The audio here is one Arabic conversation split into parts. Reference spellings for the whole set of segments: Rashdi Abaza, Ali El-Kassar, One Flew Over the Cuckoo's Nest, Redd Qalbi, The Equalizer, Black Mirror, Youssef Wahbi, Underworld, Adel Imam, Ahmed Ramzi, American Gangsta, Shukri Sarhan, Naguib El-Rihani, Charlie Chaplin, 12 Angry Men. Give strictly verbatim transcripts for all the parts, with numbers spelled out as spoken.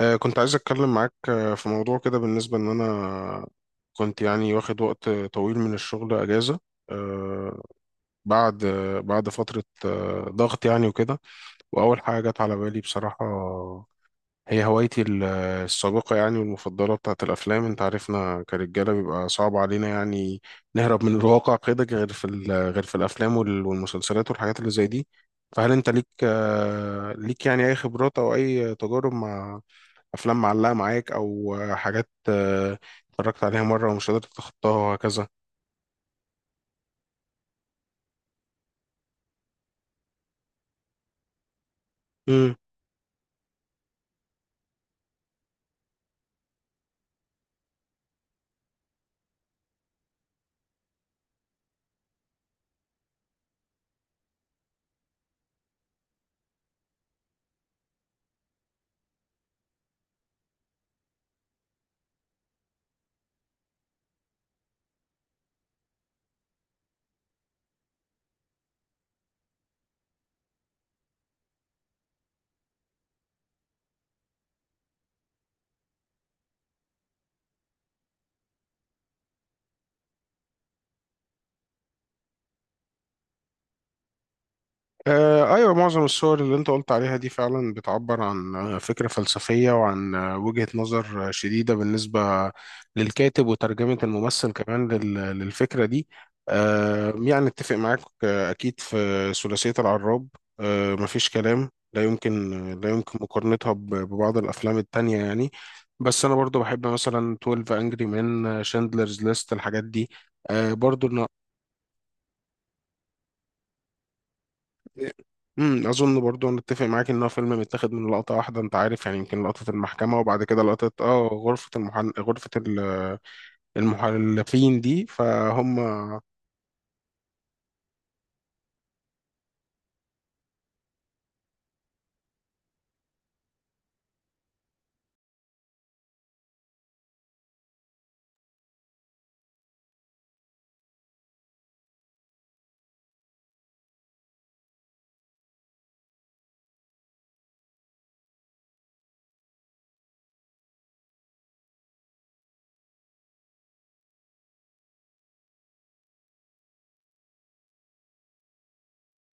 آه، كنت عايز أتكلم معاك آه، في موضوع كده بالنسبة إن أنا كنت يعني واخد وقت طويل من الشغل أجازة. آه، بعد آه، بعد فترة آه، ضغط يعني وكده. وأول حاجة جت على بالي بصراحة هي هوايتي ال- السابقة يعني والمفضلة بتاعت الأفلام. أنت عارفنا كرجالة بيبقى صعب علينا يعني نهرب من الواقع كده، غير في ال- غير في الأفلام وال- والمسلسلات والحاجات اللي زي دي. فهل أنت ليك آه، ليك يعني أي خبرات أو أي تجارب مع افلام معلقه معاك او حاجات آه، اتفرجت عليها مره ومش قادر تتخطاها وهكذا؟ آه، أيوة، معظم الصور اللي أنت قلت عليها دي فعلا بتعبر عن آه، فكرة فلسفية وعن آه، وجهة نظر آه، شديدة بالنسبة للكاتب وترجمة الممثل كمان لل- للفكرة دي. آه، يعني اتفق معاك آه، أكيد. في ثلاثية العراب آه، مفيش كلام، لا يمكن لا يمكن مقارنتها ب- ببعض الأفلام التانية يعني. بس أنا برضو بحب مثلا اثنا عشر أنجري مان، شاندلرز ليست، الحاجات دي آه، برضو. امم اظن برضو انا اتفق معاك ان هو فيلم متاخد من لقطه واحده، انت عارف يعني، يمكن لقطه المحكمه وبعد كده لقطه اه غرفه المحن... غرفه ال- المحلفين دي، فهم.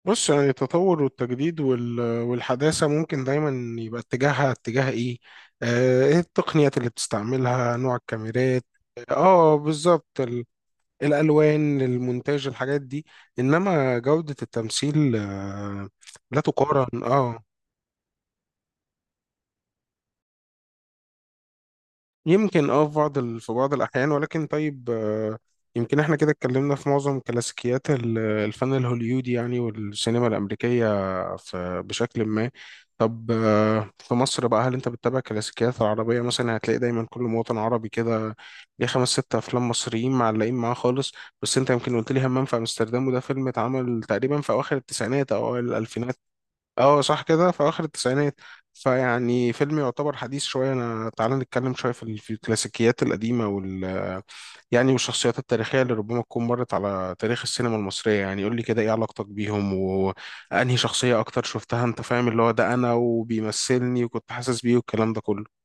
بص يعني التطور والتجديد وال... والحداثه ممكن دايما يبقى اتجاهها اتجاه ايه، آه، ايه التقنيات اللي بتستعملها، نوع الكاميرات. اه بالظبط، ال... الالوان، المونتاج، الحاجات دي، انما جوده التمثيل آه، لا تقارن. اه، يمكن اه في بعض ال... في بعض الأحيان، ولكن طيب آه، يمكن احنا كده اتكلمنا في معظم كلاسيكيات ال- الفن الهوليودي يعني والسينما الأمريكية في... بشكل ما. طب آه، في مصر بقى، هل انت بتتابع كلاسيكيات العربية؟ مثلا هتلاقي دايما كل مواطن عربي كده ليه خمس ست أفلام مصريين معلقين معاه خالص. بس انت يمكن قلت لي همام في أمستردام، وده فيلم اتعمل تقريبا في أواخر التسعينات أو أوائل الألفينات. اه صح كده، في اخر التسعينات، فيعني فيلم يعتبر حديث شويه. انا تعالى نتكلم شويه في ال- في الكلاسيكيات القديمه وال يعني والشخصيات التاريخيه اللي ربما تكون مرت على تاريخ السينما المصريه يعني. قول لي كده ايه علاقتك بيهم وانهي شخصيه اكتر شفتها، انت فاهم، اللي هو ده انا وبيمثلني وكنت حاسس بيه والكلام ده كله؟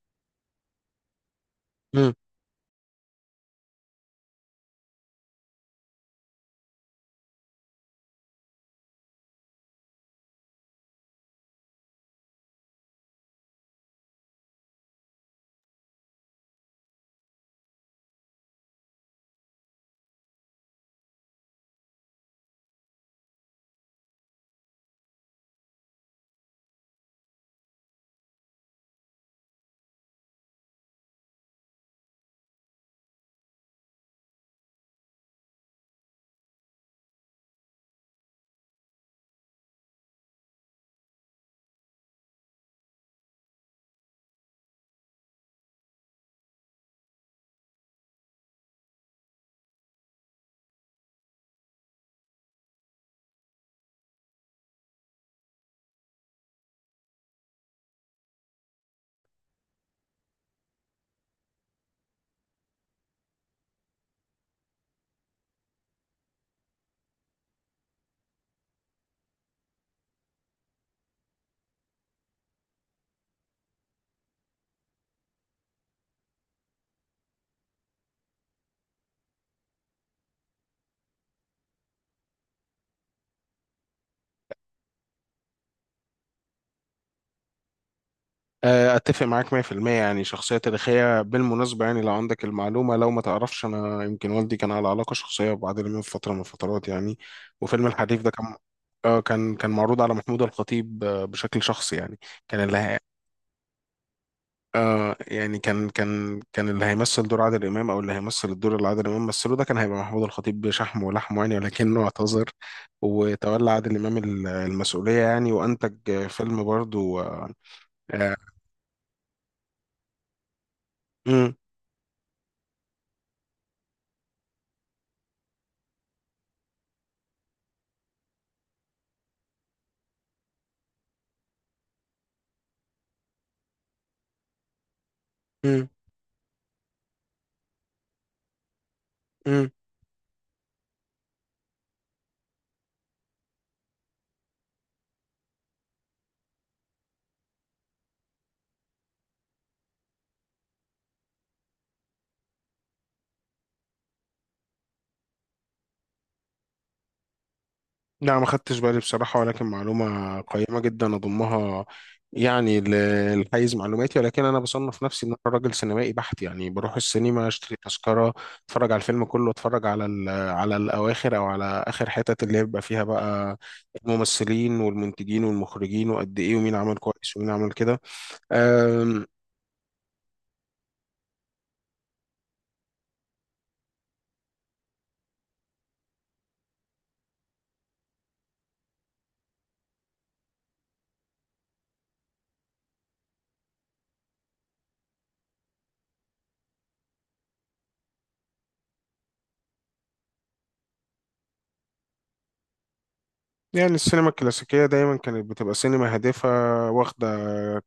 آه، اتفق معاك مية في المية. يعني شخصيه تاريخيه بالمناسبه، يعني لو عندك المعلومه، لو ما تعرفش، انا يمكن والدي كان على علاقه شخصيه ببعض من فتره من الفترات يعني. وفيلم الحريف ده كان آه كان كان معروض على محمود الخطيب آه، بشكل شخصي يعني، كان اللي هي... آه يعني كان كان كان اللي هيمثل دور عادل امام، او اللي هيمثل الدور اللي عادل امام مثله ده، كان هيبقى محمود الخطيب بشحم ولحمه يعني، ولكنه اعتذر وتولى عادل امام ال- المسؤوليه يعني، وانتج آه، فيلم برضو آه، آه. مم. مم. لا ما خدتش بالي بصراحة، ولكن معلومة قيمة جدا أضمها يعني ل- لحيز معلوماتي. ولكن أنا بصنف نفسي إن أنا راجل سينمائي بحت يعني، بروح السينما أشتري تذكرة، أتفرج على الفيلم كله، أتفرج على ال- على الأواخر، أو على آخر حتت اللي يبقى فيها بقى الممثلين والمنتجين والمخرجين وقد إيه ومين عمل كويس ومين عمل كده. يعني السينما الكلاسيكية دايما كانت بتبقى سينما هادفة، واخدة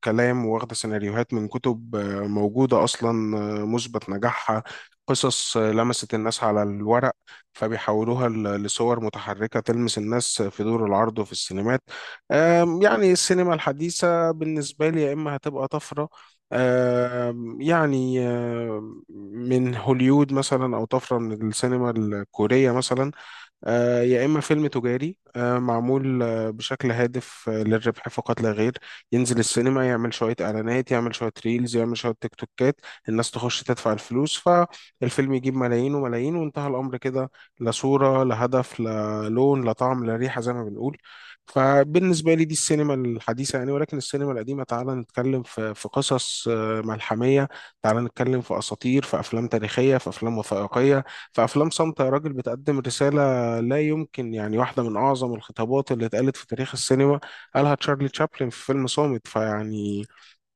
كلام، واخدة سيناريوهات من كتب آه، موجودة أصلا آه، مثبت نجاحها، قصص آه، لمست الناس على الورق، فبيحولوها ل- لصور متحركة تلمس الناس في دور العرض وفي السينمات. آم، يعني السينما الحديثة بالنسبة لي يا إما هتبقى طفرة آم، يعني آم، من هوليود مثلا، أو طفرة من السينما الكورية مثلا، آه، يا إما فيلم تجاري آه، معمول آه، بشكل هادف آه، للربح فقط لا غير، ينزل السينما، يعمل شوية إعلانات، يعمل شوية ريلز، يعمل شوية تيك توكات، الناس تخش تدفع الفلوس، فالفيلم يجيب ملايين وملايين وانتهى الأمر كده، لا صورة لا هدف لا لون لا طعم لا ريحة زي ما بنقول. فبالنسبة لي دي السينما الحديثة يعني، ولكن السينما القديمة تعالى نتكلم في في قصص آه، ملحمية، تعالى نتكلم في أساطير، في أفلام تاريخية، في أفلام وثائقية، في أفلام صامتة يا راجل بتقدم رسالة. لا يمكن، يعني واحدة من أعظم الخطابات اللي اتقالت في تاريخ السينما قالها تشارلي تشابلن في فيلم صامت، فيعني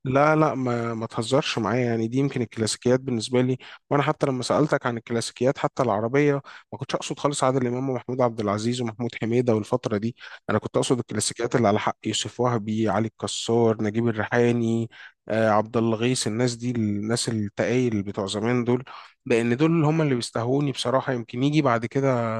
لا لا ما ما تهزرش معايا يعني. دي يمكن الكلاسيكيات بالنسبة لي. وأنا حتى لما سألتك عن الكلاسيكيات حتى العربية، ما كنتش أقصد خالص عادل إمام ومحمود عبد العزيز ومحمود حميدة والفترة دي. أنا كنت أقصد الكلاسيكيات اللي على حق يوسف وهبي، علي الكسار، نجيب الريحاني، آه، عبد الغيث، الناس دي، الناس التقايل بتوع زمان دول، لأن دول هم اللي بيستهوني بصراحة. يمكن يجي بعد كده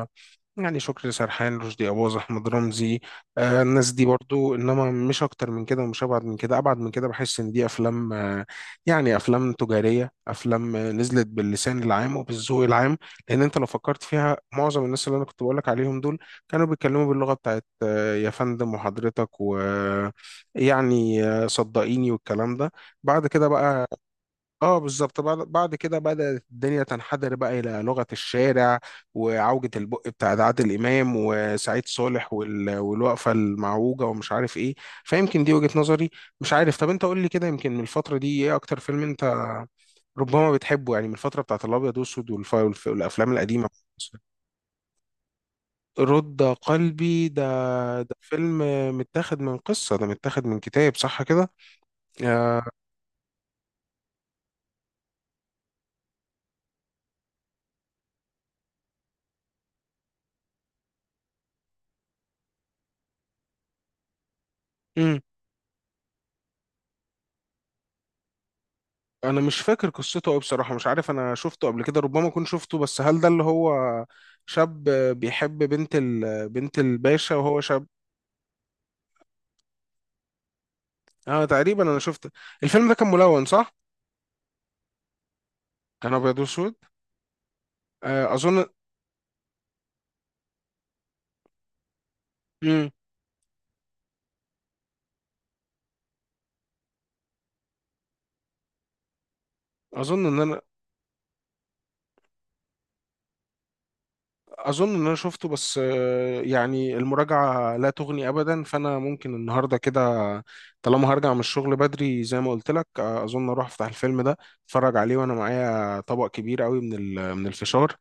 يعني شكري سرحان، رشدي أباظة، أحمد رمزي، آه الناس دي برضو، إنما مش أكتر من كده ومش أبعد من كده. أبعد من كده بحس إن دي أفلام آه يعني أفلام تجارية، أفلام آه نزلت باللسان العام وبالذوق العام، لأن أنت لو فكرت فيها معظم الناس اللي أنا كنت بقولك عليهم دول كانوا بيتكلموا باللغة بتاعت آه يا فندم وحضرتك، ويعني آه يعني، آه، صدقيني والكلام ده. بعد كده بقى اه بالظبط، بعد بعد كده بدأت الدنيا تنحدر بقى إلى لغة الشارع وعوجة البق بتاعت عادل إمام وسعيد صالح وال... والوقفة المعوجة ومش عارف إيه. فيمكن دي وجهة نظري، مش عارف. طب أنت قول لي كده، يمكن من الفترة دي إيه أكتر فيلم أنت ربما بتحبه يعني، من الفترة بتاعت الأبيض وأسود والف... والف... والأفلام القديمة؟ رد قلبي ده ده فيلم متاخد من قصة، ده متاخد من كتاب، صح كده؟ آه. انا مش فاكر قصته قوي بصراحه، مش عارف، انا شفته قبل كده، ربما اكون شفته، بس هل ده اللي هو شاب بيحب بنت ال... بنت الباشا وهو شاب؟ اه تقريبا، انا شفت الفيلم ده، كان ملون، صح؟ كان ابيض واسود آه، اظن. مم. اظن ان انا اظن ان انا شفته، بس آه، يعني المراجعه لا تغني ابدا، فانا ممكن النهارده كده، طالما هرجع من الشغل بدري زي ما قلت لك، آه، اظن اروح افتح الفيلم ده، اتفرج عليه، وانا معايا طبق كبير قوي من ال... من الفشار،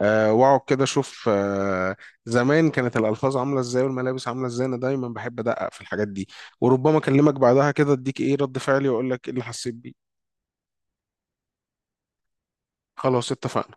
آه، واقعد كده اشوف آه، زمان كانت الالفاظ عامله ازاي والملابس عامله ازاي، انا دايما بحب ادقق في الحاجات دي، وربما اكلمك بعدها كده، اديك ايه رد فعلي واقول لك ايه اللي حسيت بيه. خلاص، اتفقنا.